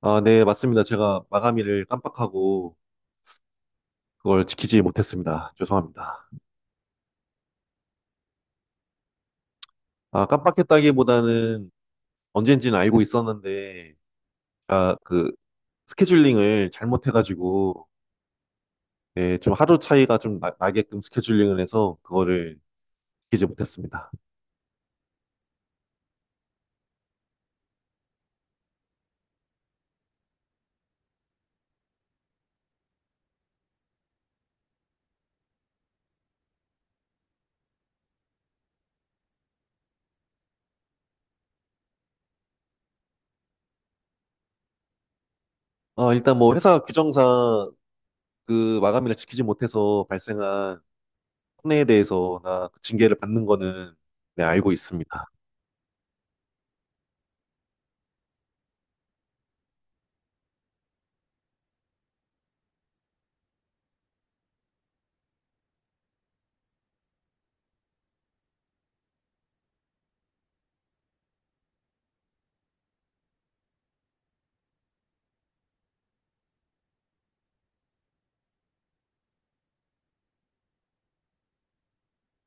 네, 맞습니다. 제가 마감일을 깜빡하고 그걸 지키지 못했습니다. 죄송합니다. 깜빡했다기보다는 언젠지는 알고 있었는데, 아, 그 스케줄링을 잘못해가지고, 예, 좀 하루 차이가 나게끔 스케줄링을 해서 그거를 지키지 못했습니다. 일단 뭐 회사 규정상 그 마감일을 지키지 못해서 발생한 손해에 대해서나 그 징계를 받는 거는 네, 알고 있습니다.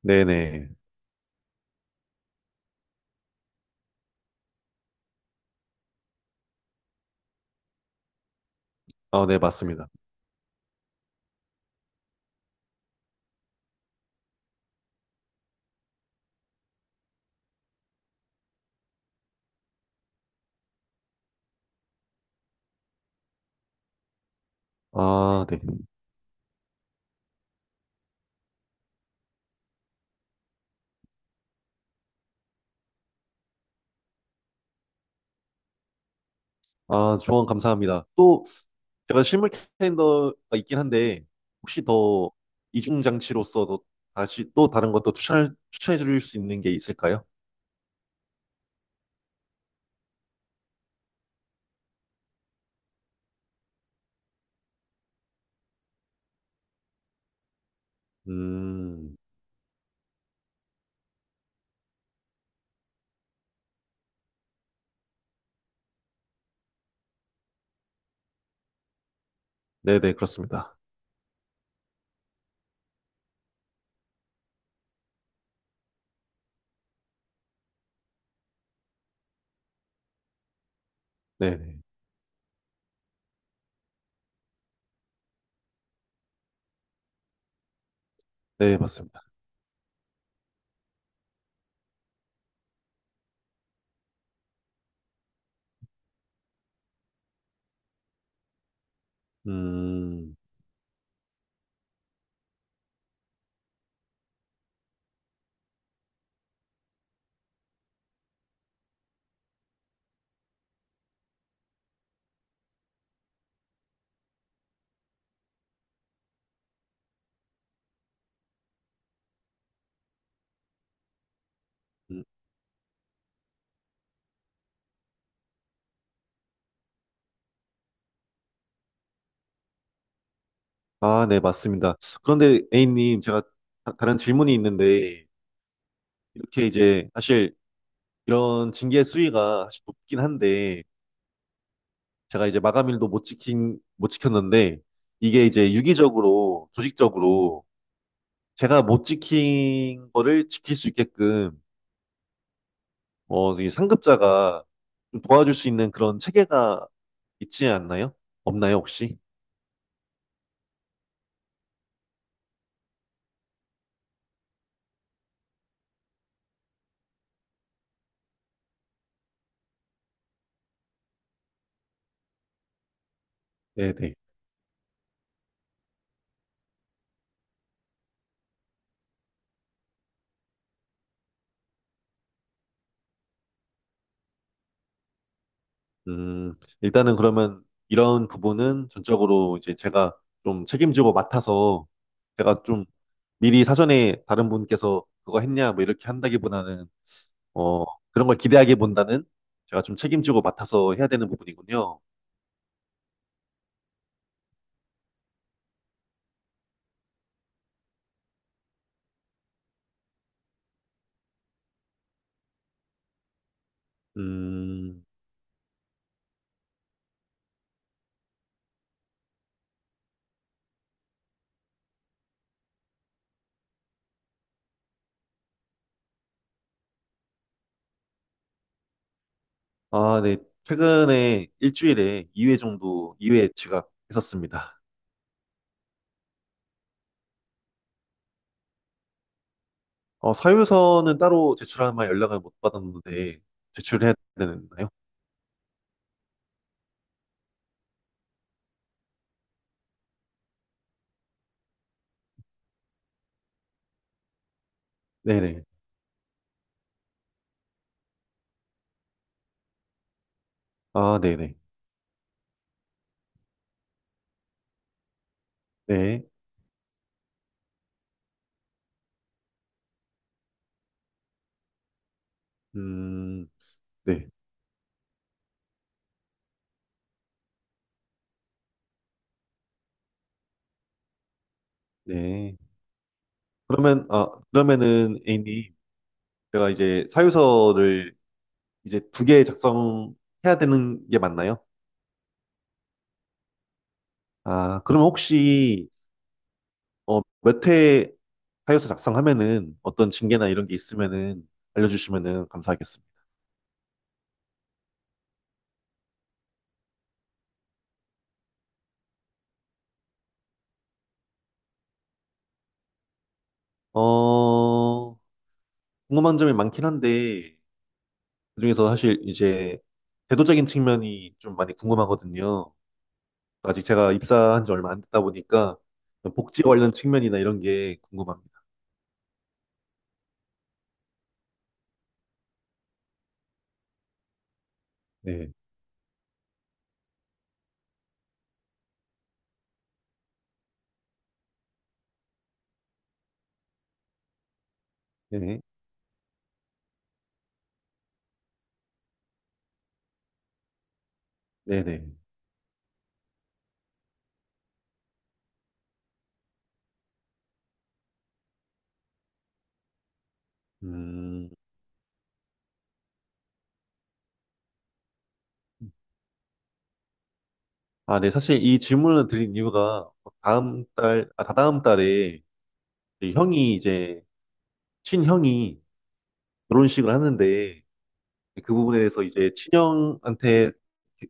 네네. 아, 네, 맞습니다. 아, 네. 조언 감사합니다. 또 제가 실물 캘린더가 있긴 한데 혹시 더 이중 장치로서도 다시 또 다른 것도 추천해 드릴 수 있는 게 있을까요? 음, 네네 그렇습니다. 네네 네 맞습니다. 음, 음. 아, 네 맞습니다. 그런데 A님 제가 다른 질문이 있는데 이렇게 이제 사실 이런 징계 수위가 사실 높긴 한데 제가 이제 마감일도 못 지킨, 못 지켰는데, 이게 이제 유기적으로, 조직적으로, 제가 못 지킨 거를 지킬 수 있게끔, 이 상급자가 좀 도와줄 수 있는 그런 체계가 있지 않나요? 없나요, 혹시? 네네. 음, 일단은 그러면 이런 부분은 전적으로 이제 제가 좀 책임지고 맡아서, 제가 좀 미리 사전에 다른 분께서 그거 했냐, 뭐 이렇게 한다기보다는 어, 그런 걸 기대하기보다는 제가 좀 책임지고 맡아서 해야 되는 부분이군요. 음, 아, 네. 최근에 일주일에 2회 정도, 2회 지각했었습니다. 사유서는 따로 제출하면 연락을 못 받았는데, 제출해야 되나요? 네네. 아, 네네. 네. 음, 네. 네. 그러면, 아, 그러면은, A님, 제가 이제 사유서를 이제 두 개 작성해야 되는 게 맞나요? 아, 그러면 혹시 몇 회 하여서 작성하면은 어떤 징계나 이런 게 있으면은 알려주시면은 감사하겠습니다. 어, 궁금한 점이 많긴 한데 그중에서 사실 이제 제도적인 측면이 좀 많이 궁금하거든요. 아직 제가 입사한 지 얼마 안 됐다 보니까 복지 관련 측면이나 이런 게 궁금합니다. 네, 네, 네, 네. 음, 아, 네. 사실 이 질문을 드린 이유가 다다음 달에 저희 형이 이제 친형이 결혼식을 하는데 그 부분에 대해서 이제 친형한테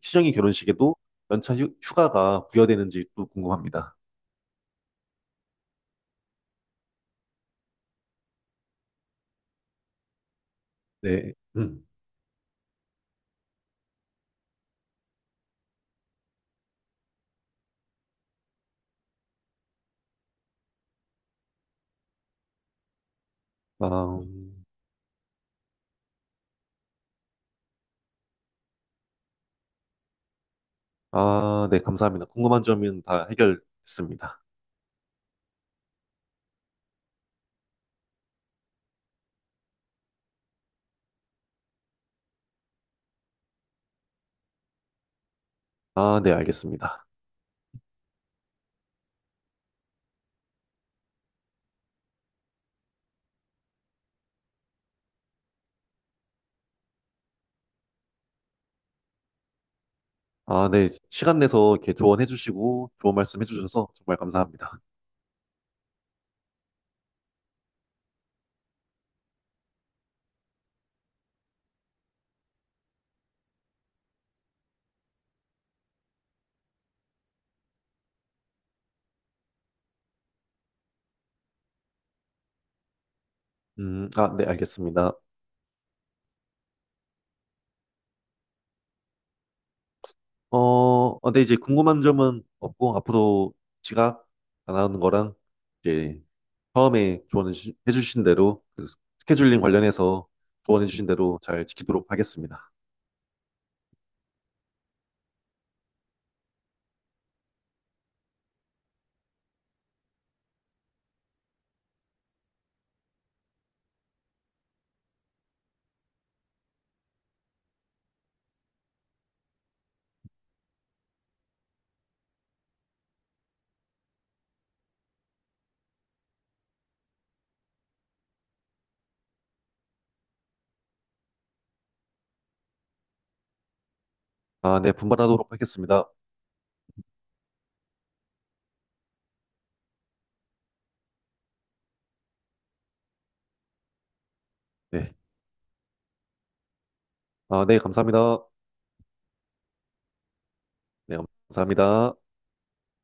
친형이 결혼식에도 휴가가 부여되는지 또 궁금합니다. 네. 음. 아, 아, 네, 감사합니다. 궁금한 점은 다 해결했습니다. 아, 네, 알겠습니다. 아, 네, 시간 내서 이렇게 조언해 주시고 좋은 말씀 해 주셔서 정말 감사합니다. 아, 네, 알겠습니다. 근데 이제 궁금한 점은 없고, 앞으로 지각 안 하는 거랑, 이제, 처음에 조언해 주신 대로, 스케줄링 관련해서 조언해 주신 대로 잘 지키도록 하겠습니다. 아, 네, 분발하도록 하겠습니다. 네. 아, 네, 감사합니다. 네, 감사합니다.